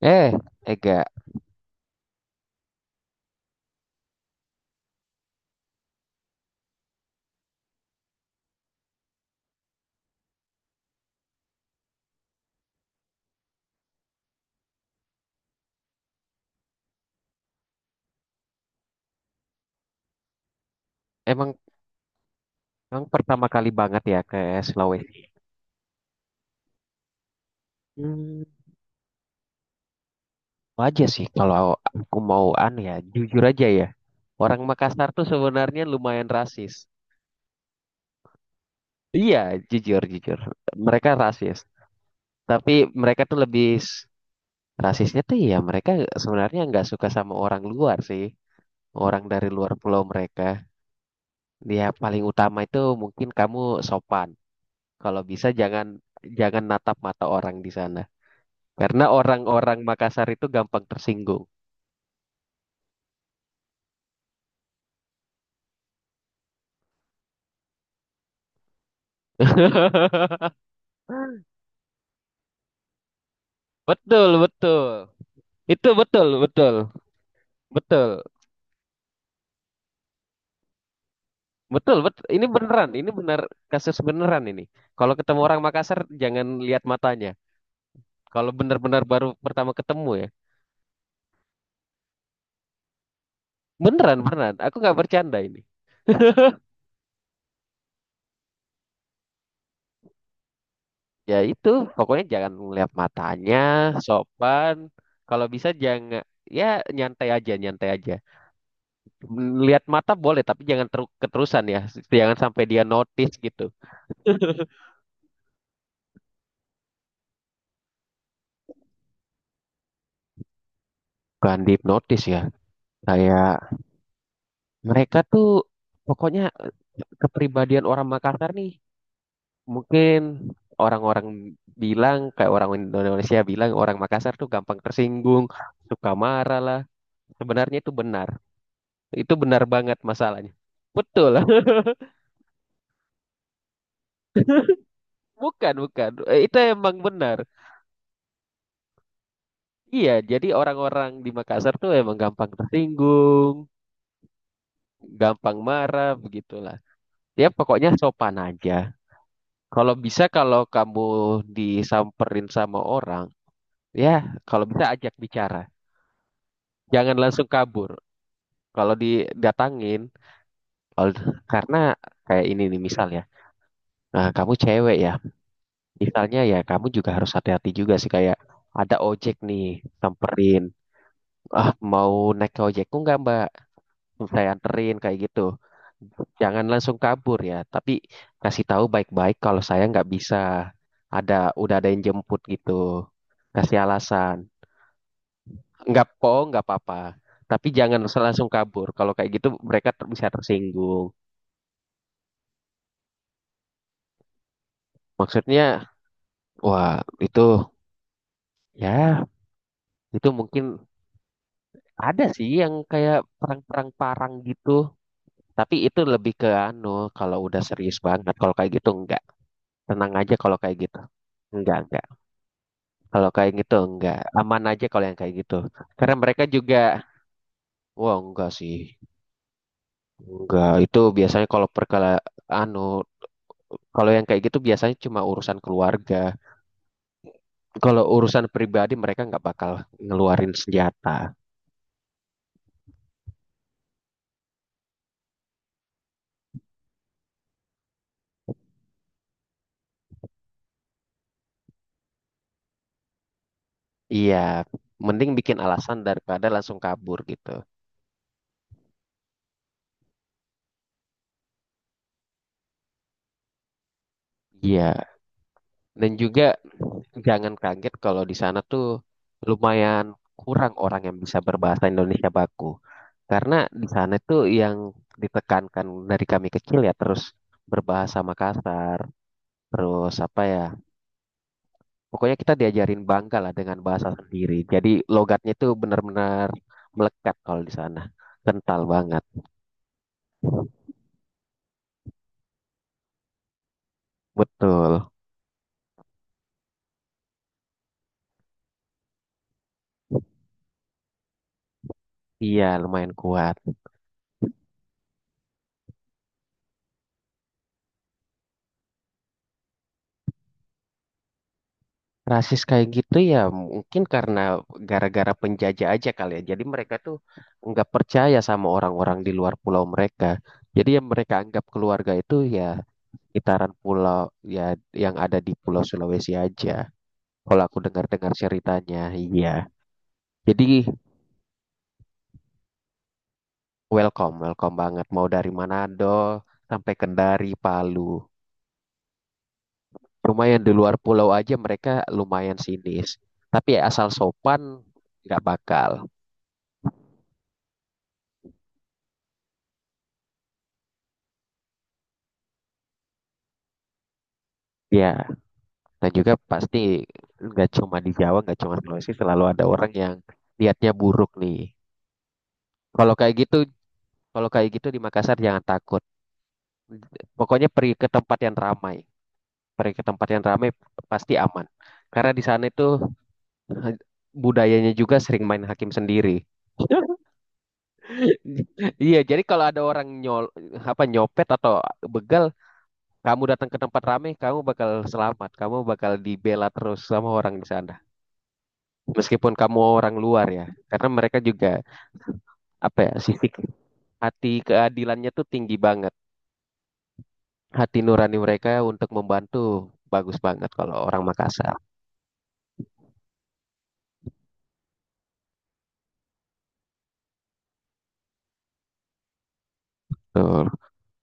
Eh, Ega, emang emang pertama kali banget ya ke Sulawesi. Hmm, Wajar sih kalau aku mau an ya, jujur aja ya. Orang Makassar tuh sebenarnya lumayan rasis. Iya, jujur jujur. Mereka rasis, tapi mereka tuh lebih. Rasisnya tuh ya mereka sebenarnya nggak suka sama orang luar sih, orang dari luar pulau mereka. Ya paling utama itu mungkin kamu sopan. Kalau bisa jangan jangan natap mata orang di sana. Karena orang-orang Makassar itu gampang tersinggung. Betul, betul. Itu betul, betul. Betul. Betul, betul. Ini beneran, ini benar kasus beneran ini. Kalau ketemu orang Makassar jangan lihat matanya. Kalau benar-benar baru pertama ketemu ya. Beneran, beneran. Aku nggak bercanda ini. Ya itu, pokoknya jangan lihat matanya, sopan. Kalau bisa jangan ya nyantai aja, nyantai aja. Lihat mata boleh, tapi jangan keterusan ya. Jangan sampai dia notice gitu. Bukan dihipnotis ya. Kayak mereka tuh pokoknya kepribadian orang Makassar nih mungkin orang-orang bilang kayak orang Indonesia bilang orang Makassar tuh gampang tersinggung, suka marah lah. Sebenarnya itu benar. Itu benar banget masalahnya. Betul. Bukan, bukan. Eh, itu emang benar. Iya, jadi orang-orang di Makassar tuh emang gampang tersinggung, gampang marah, begitulah. Ya pokoknya sopan aja. Kalau bisa kalau kamu disamperin sama orang, ya kalau bisa ajak bicara. Jangan langsung kabur. Kalau didatangin, kalau- karena kayak ini nih misal ya. Nah, kamu cewek ya. Misalnya ya kamu juga harus hati-hati juga sih kayak ada ojek nih samperin. Ah, mau naik ke ojekku nggak Mbak? Hmm. Saya anterin kayak gitu. Jangan langsung kabur ya, tapi kasih tahu baik-baik kalau saya nggak bisa. Ada udah ada yang jemput gitu. Kasih alasan. Nggak po, nggak apa-apa. Tapi jangan langsung kabur. Kalau kayak gitu mereka bisa tersinggung. Maksudnya, wah itu ya itu mungkin ada sih yang kayak perang-perang parang gitu. Tapi itu lebih ke anu kalau udah serius banget. Kalau kayak gitu enggak. Tenang aja kalau kayak gitu. Enggak, enggak. Kalau kayak gitu enggak aman aja kalau yang kayak gitu. Karena mereka juga wah enggak sih. Enggak, itu biasanya kalau perkala anu kalau yang kayak gitu biasanya cuma urusan keluarga. Kalau urusan pribadi mereka nggak bakal ngeluarin senjata. Iya, mending bikin alasan daripada langsung kabur gitu. Iya, dan juga jangan kaget kalau di sana tuh lumayan kurang orang yang bisa berbahasa Indonesia baku. Karena di sana tuh yang ditekankan dari kami kecil ya terus berbahasa Makassar, terus apa ya? Pokoknya kita diajarin bangga lah dengan bahasa sendiri. Jadi logatnya tuh benar-benar melekat kalau di sana. Kental banget. Betul. Iya, lumayan kuat. Rasis kayak gitu ya mungkin karena gara-gara penjajah aja kali ya. Jadi mereka tuh nggak percaya sama orang-orang di luar pulau mereka. Jadi yang mereka anggap keluarga itu ya itaran pulau ya yang ada di Pulau Sulawesi aja. Kalau aku dengar-dengar ceritanya, iya. Jadi welcome, welcome banget. Mau dari Manado sampai Kendari, Palu. Lumayan di luar pulau aja mereka lumayan sinis. Tapi asal sopan nggak bakal. Ya. Dan juga pasti nggak cuma di Jawa, nggak cuma Sulawesi, selalu ada orang yang lihatnya buruk nih. Kalau kayak gitu, kalau kayak gitu di Makassar jangan takut. Pokoknya pergi ke tempat yang ramai, pergi ke tempat yang ramai pasti aman. Karena di sana itu eh, budayanya juga sering main hakim sendiri. Iya, jadi kalau ada orang apa nyopet atau begal, kamu datang ke tempat ramai, kamu bakal selamat, kamu bakal dibela terus sama orang di sana. Meskipun kamu orang luar ya, karena mereka juga, apa ya, sifik hati keadilannya tuh tinggi banget. Hati nurani mereka untuk membantu bagus banget kalau orang Makassar tuh.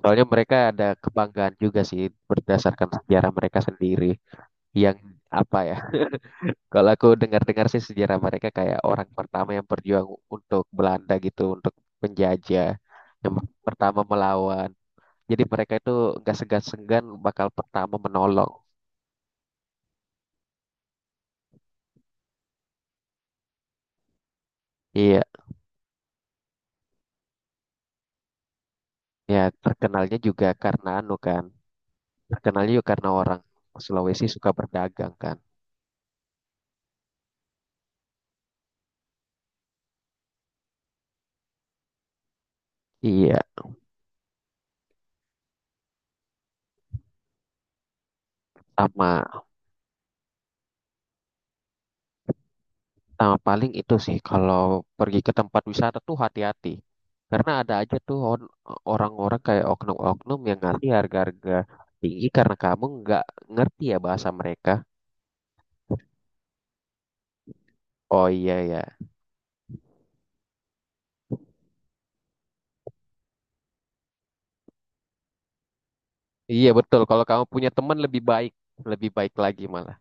Soalnya mereka ada kebanggaan juga sih berdasarkan sejarah mereka sendiri yang, apa ya, kalau aku dengar-dengar sih sejarah mereka kayak orang pertama yang berjuang untuk Belanda gitu, untuk penjajah yang pertama melawan. Jadi mereka itu nggak segan-segan bakal pertama menolong. Iya. Ya, terkenalnya juga karena anu kan. Terkenalnya juga karena orang Sulawesi suka berdagang kan. Iya, sama, sama paling itu sih kalau pergi ke tempat wisata tuh hati-hati. Karena ada aja tuh orang-orang kayak oknum-oknum yang ngasih harga-harga tinggi karena kamu nggak ngerti ya bahasa mereka. Oh iya ya. Iya betul, kalau kamu punya teman lebih baik lagi malah.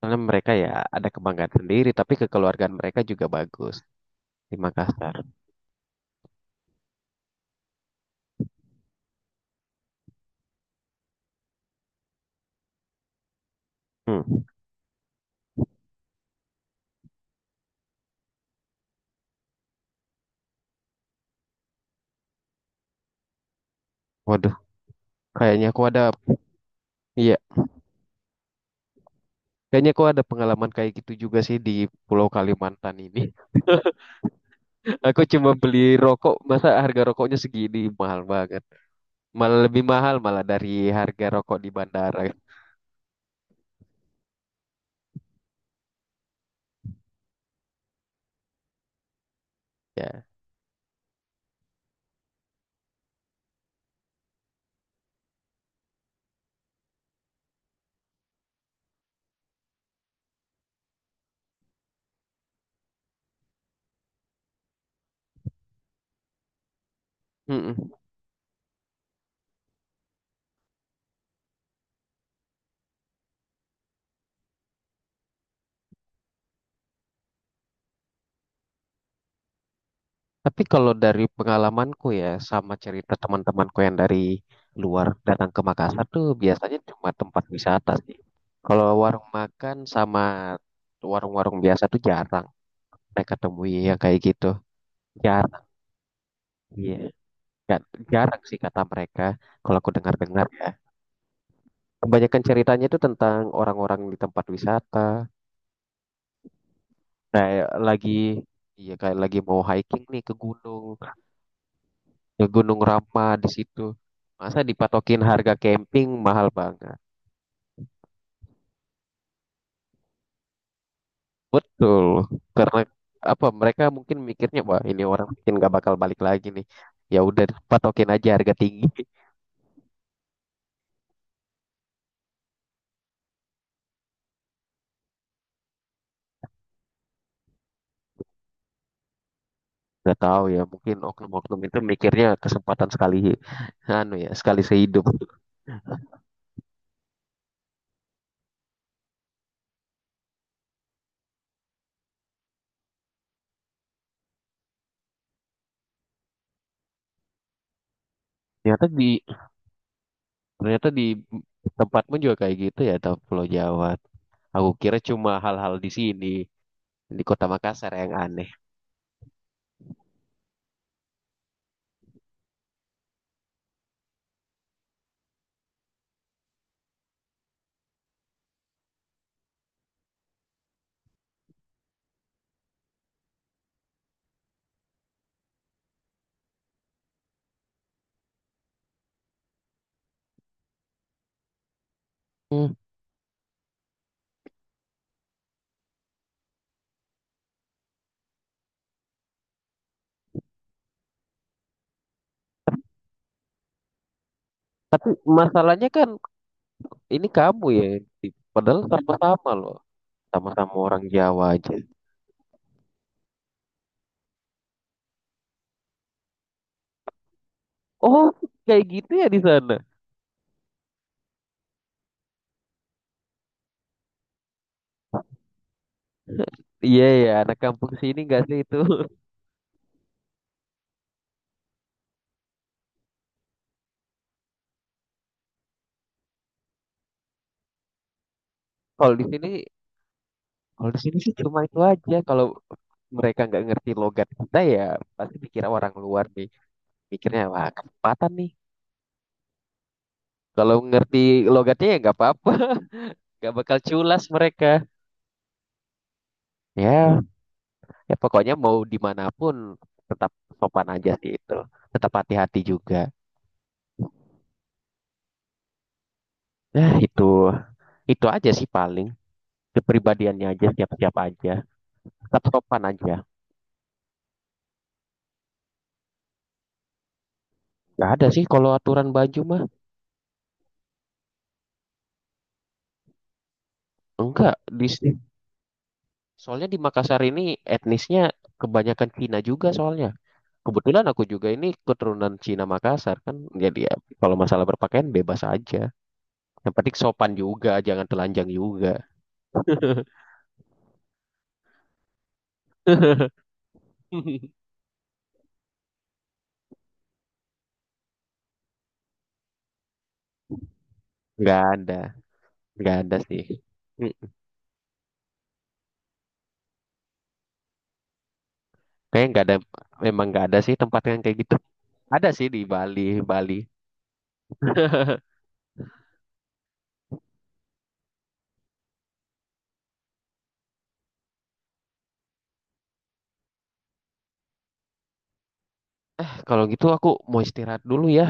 Karena mereka ya ada kebanggaan sendiri, tapi kekeluargaan mereka juga bagus di Makassar. Hmm. Kayaknya aku ada, iya, kayaknya aku ada pengalaman kayak gitu juga sih di Pulau Kalimantan ini. Aku cuma beli rokok, masa harga rokoknya segini mahal banget. Malah lebih mahal malah dari harga rokok di bandara. Ya. Mm-mm. Tapi kalau dari pengalamanku ya, sama cerita teman-temanku yang dari luar datang ke Makassar tuh biasanya cuma tempat wisata sih. Kalau warung makan sama warung-warung biasa tuh jarang mereka temui yang kayak gitu. Jarang. Iya. Nggak- Jarang sih kata mereka, kalau aku dengar-dengar ya. Kebanyakan ceritanya itu tentang orang-orang di tempat wisata, kayak lagi, iya kayak lagi mau hiking nih ke Gunung Rama di situ. Masa dipatokin harga camping mahal banget. Betul, karena apa? Mereka mungkin mikirnya, wah ini orang mungkin nggak bakal balik lagi nih. Ya udah patokin aja harga tinggi. Nggak tahu ya, mungkin oknum-oknum itu mikirnya kesempatan sekali, anu ya, sekali sehidup. Ternyata di Ternyata di tempatmu juga kayak gitu ya, atau Pulau Jawa. Aku kira cuma hal-hal di sini, di Kota Makassar yang aneh. Hmm. Masalahnya kan ini kamu ya, yang padahal sama-sama loh, sama-sama orang Jawa aja. Oh, kayak gitu ya di sana. Iya ya, anak kampung sini nggak sih itu. Kalau di sini, kalau di sini sih cuma itu aja. Kalau mereka nggak ngerti logat kita ya, pasti dikira orang luar nih. Mikirnya wah kesempatan nih. Kalau ngerti logatnya ya nggak apa-apa. Gak bakal culas mereka. Ya, ya pokoknya mau dimanapun tetap sopan aja sih itu. Tetap hati-hati juga. Nah itu aja sih paling. Kepribadiannya aja, siap-siap aja. Tetap sopan aja. Gak ada sih kalau aturan baju mah. Enggak, di soalnya di Makassar ini etnisnya kebanyakan Cina juga soalnya. Kebetulan aku juga ini keturunan Cina Makassar kan. Jadi ya, kalau masalah berpakaian bebas aja. Yang penting sopan juga, jangan telanjang juga. Nggak ada nggak ada sih. Mm, Kayaknya nggak ada, memang nggak ada sih tempat yang kayak gitu. Ada sih di Bali Bali Kalau gitu aku mau istirahat dulu ya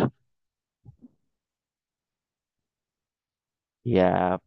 ya